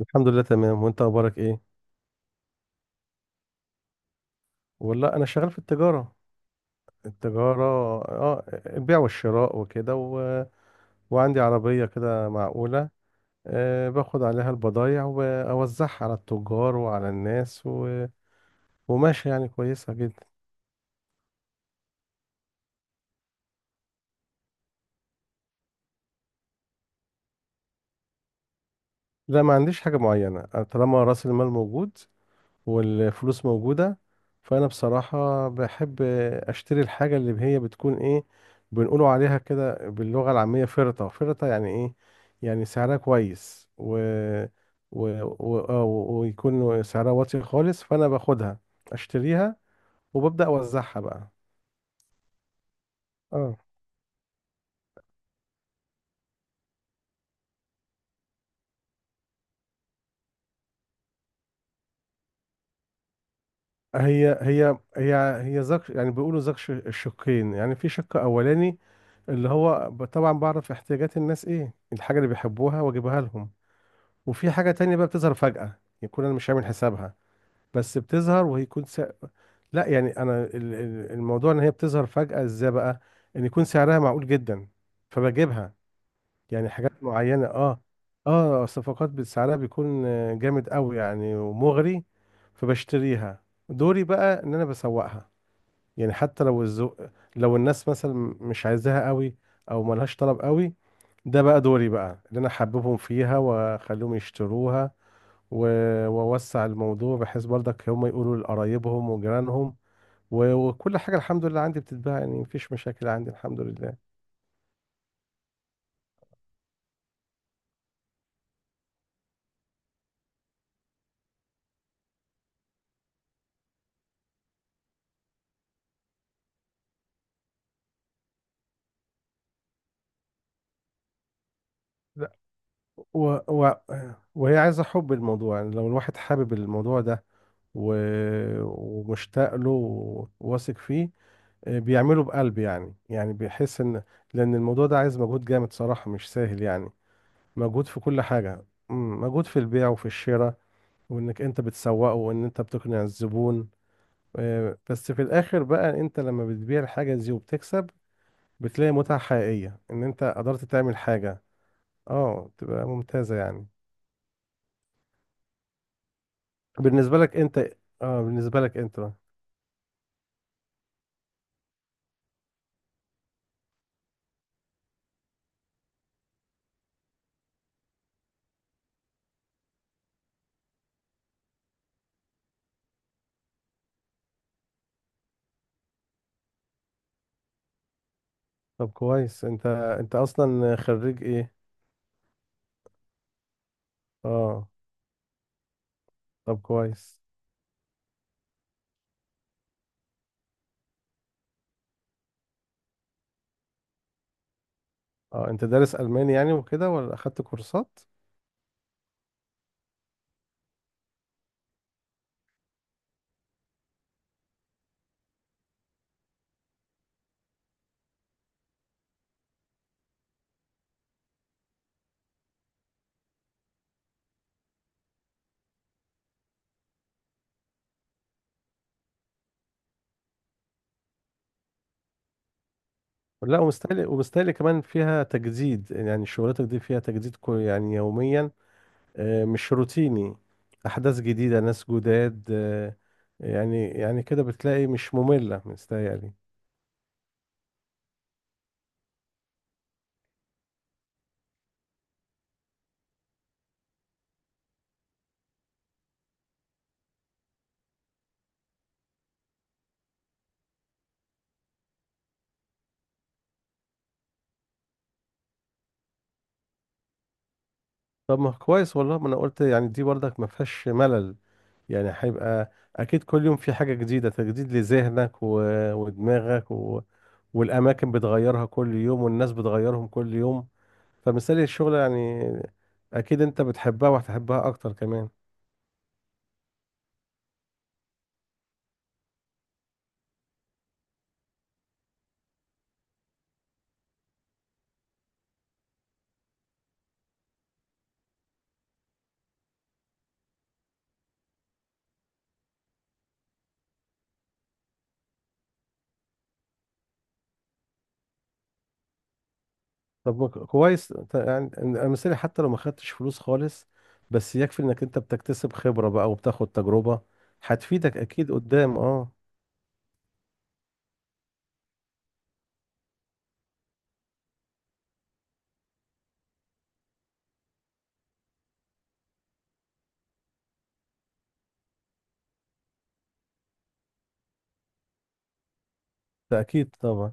الحمد لله تمام، وانت اخبارك ايه؟ والله انا شغال في التجاره. التجاره. اه، البيع والشراء وكده وعندي عربيه كده معقوله. أه، باخد عليها البضايع واوزعها على التجار وعلى الناس وماشي يعني كويسه جدا. لا، ما عنديش حاجه معينه، أنا طالما راس المال موجود والفلوس موجودة، فأنا بصراحة بحب أشتري الحاجة اللي هي بتكون إيه، بنقولوا عليها كده باللغة العامية فرطة فرطة، يعني إيه؟ يعني سعرها كويس و... ويكون سعرها واطي خالص، فأنا باخدها أشتريها وببدأ أوزعها بقى. اه، هي هي هي هي زك، يعني بيقولوا زك الشقين، يعني في شق أولاني اللي هو طبعا بعرف احتياجات الناس، إيه الحاجة اللي بيحبوها وأجيبها لهم. وفي حاجة تانية بقى بتظهر فجأة، يكون أنا مش عامل حسابها، بس بتظهر وهيكون لا، يعني أنا الموضوع إن هي بتظهر فجأة إزاي بقى، إن يكون سعرها معقول جدا فبجيبها، يعني حاجات معينة. آه، آه، الصفقات سعرها بيكون جامد قوي يعني، ومغري، فبشتريها، دوري بقى إن أنا بسوقها، يعني حتى لو الذوق، لو الناس مثلا مش عايزاها قوي أو ملهاش طلب قوي، ده بقى دوري بقى اللي أنا حببهم فيها وأخليهم يشتروها، ووسع الموضوع بحيث برضك هم يقولوا لقرايبهم وجيرانهم، وكل حاجة الحمد لله عندي بتتباع، يعني مفيش مشاكل عندي الحمد لله. لا، و... و... وهي عايزة حب الموضوع، يعني لو الواحد حابب الموضوع ده و... ومشتاق له، وواثق فيه، بيعمله بقلب، يعني بيحس ان لان الموضوع ده عايز مجهود جامد صراحة، مش سهل يعني. مجهود في كل حاجة، مجهود في البيع وفي الشراء، وانك انت بتسوقه، وان انت بتقنع الزبون. بس في الاخر بقى انت لما بتبيع الحاجة دي وبتكسب، بتلاقي متعة حقيقية ان انت قدرت تعمل حاجة. اه، تبقى ممتازة يعني. بالنسبة لك انت، اه، بالنسبة لك انت بقى. طب كويس، انت اصلا خريج ايه؟ اه، طب كويس. اه، انت دارس الماني يعني وكده ولا اخدت كورسات؟ لا، ومستاهل، ومستاهل كمان فيها تجديد، يعني شغلتك دي فيها تجديد كل يعني يوميا، مش روتيني، احداث جديده، ناس جداد، يعني كده بتلاقي مش ممله، مستاهل. طب ما كويس والله، ما انا قلت يعني دي برضك ما فيهاش ملل، يعني هيبقى اكيد كل يوم في حاجه جديده، تجديد لذهنك ودماغك والاماكن بتغيرها كل يوم، والناس بتغيرهم كل يوم، فمثال الشغل يعني، اكيد انت بتحبها وهتحبها اكتر كمان. طب كويس يعني مثالي، حتى لو ما خدتش فلوس خالص، بس يكفي انك انت بتكتسب خبرة بقى، وبتاخد تجربة هتفيدك اكيد قدام، اه. ده اكيد طبعا،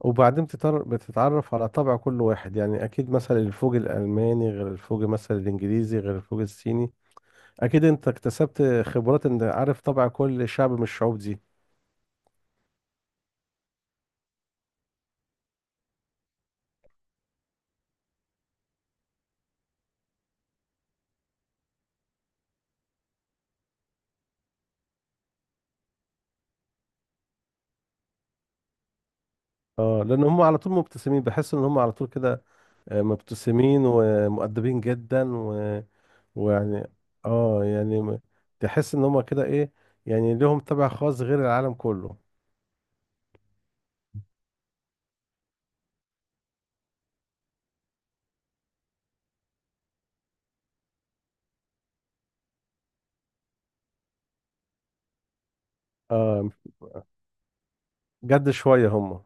وبعدين بتتعرف على طبع كل واحد، يعني اكيد مثلا الفوج الالماني غير الفوج مثلا الانجليزي غير الفوج الصيني، اكيد انت اكتسبت خبرات ان عارف طبع كل شعب من الشعوب دي. اه، لان هم على طول مبتسمين، بحس ان هم على طول كده، مبتسمين ومؤدبين جدا. ويعني، اه يعني تحس ان هما كده ايه، يعني لهم طبع خاص غير العالم كله. اه، جد شوية هما،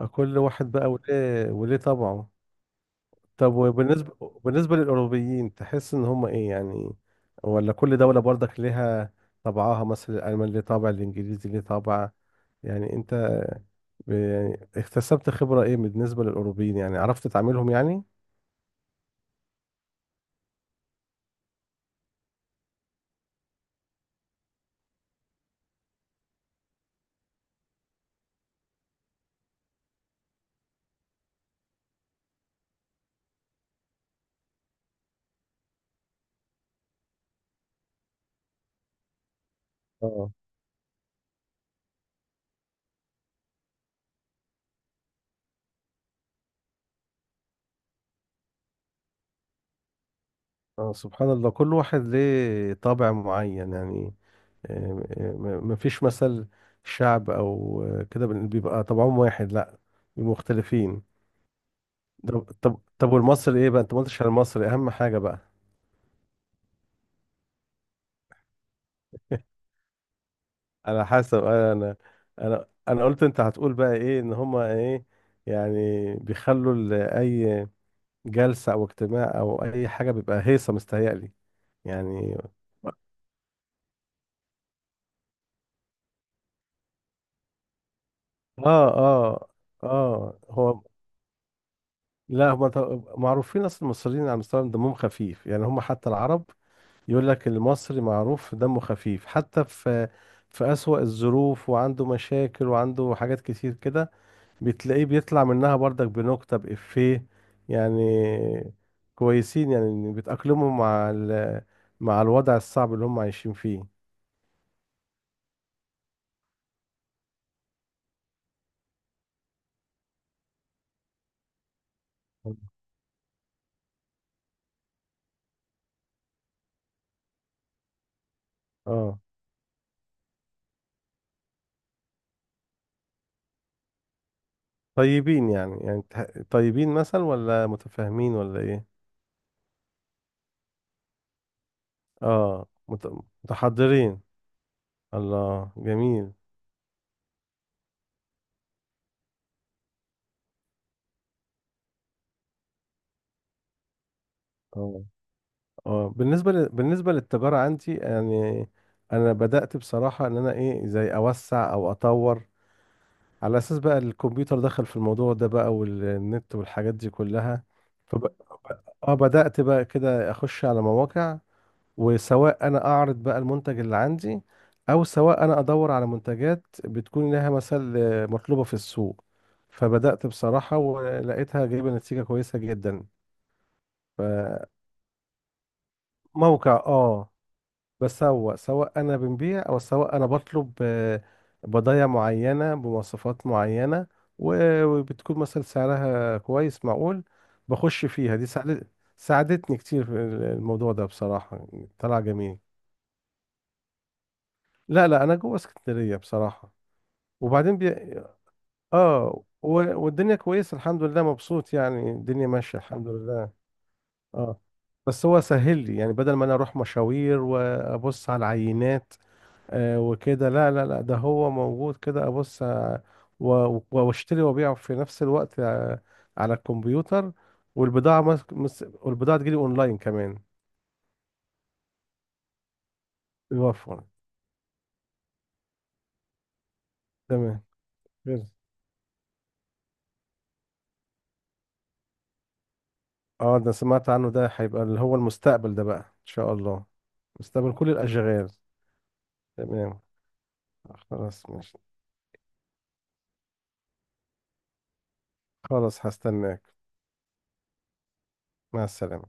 كل واحد بقى وليه وليه طبعه. طب، وبالنسبة للأوروبيين تحس ان هما ايه يعني، ولا كل دولة برضك ليها طبعها، مثلا الألمان ليه طابع، الإنجليزي ليه طابع؟ يعني انت يعني اكتسبت خبرة ايه بالنسبة للأوروبيين، يعني عرفت تعاملهم يعني؟ اه، اه، سبحان الله، كل واحد ليه طابع معين يعني، ما فيش مثل شعب او كده بيبقى طبعهم واحد، لا، بيبقوا مختلفين. طب، طب، طب، والمصري ايه بقى؟ انت ما قلتش على المصري، اهم حاجه بقى. على حسب، انا قلت انت هتقول بقى ايه، ان هما ايه، يعني بيخلوا اي جلسه او اجتماع او اي حاجه بيبقى هيصه مستهيألي يعني. اه، اه، اه، هو لا، هم معروفين اصلا، المصريين على مستوى دمهم خفيف، يعني هم حتى العرب يقول لك المصري معروف دمه خفيف، حتى في أسوأ الظروف وعنده مشاكل وعنده حاجات كتير كده، بتلاقيه بيطلع منها برضك بنكتة بإفيه يعني. كويسين، يعني بيتأقلموا مع الوضع الصعب اللي هم عايشين فيه. اه، طيبين يعني، طيبين مثلا، ولا متفاهمين، ولا ايه؟ اه، متحضرين، الله جميل. اه، اه، بالنسبة للتجارة عندي يعني، أنا بدأت بصراحة إن أنا إيه، زي أوسع أو أطور، على أساس بقى الكمبيوتر دخل في الموضوع ده بقى، والنت والحاجات دي كلها، فب... اه، بدأت بقى كده أخش على مواقع، وسواء أنا أعرض بقى المنتج اللي عندي، أو سواء أنا أدور على منتجات بتكون لها مثل مطلوبة في السوق، فبدأت بصراحة ولقيتها جايبة نتيجة كويسة جدا. فموقع، اه، بسوق، سواء انا بنبيع او سواء انا بطلب، بضايع معينه بمواصفات معينه، وبتكون مثلا سعرها كويس معقول، بخش فيها، دي ساعدت، ساعدتني كتير في الموضوع ده بصراحه. طلع جميل. لا، لا، انا جوه اسكندريه بصراحه، وبعدين اه، والدنيا كويسه الحمد لله، مبسوط يعني، الدنيا ماشيه الحمد لله. اه، بس هو سهل لي يعني، بدل ما انا اروح مشاوير وابص على العينات، وكده، لا، لا، لا، ده هو موجود كده، ابص، واشتري وابيع في نفس الوقت، على الكمبيوتر، والبضاعة والبضاعة تجيلي اونلاين كمان، بيوفر، تمام. غير- اه، ده سمعت عنه، ده هيبقى اللي هو المستقبل ده بقى ان شاء الله، مستقبل كل الاشغال. تمام، خلاص، ماشي، خلاص، هستناك، مع السلامة.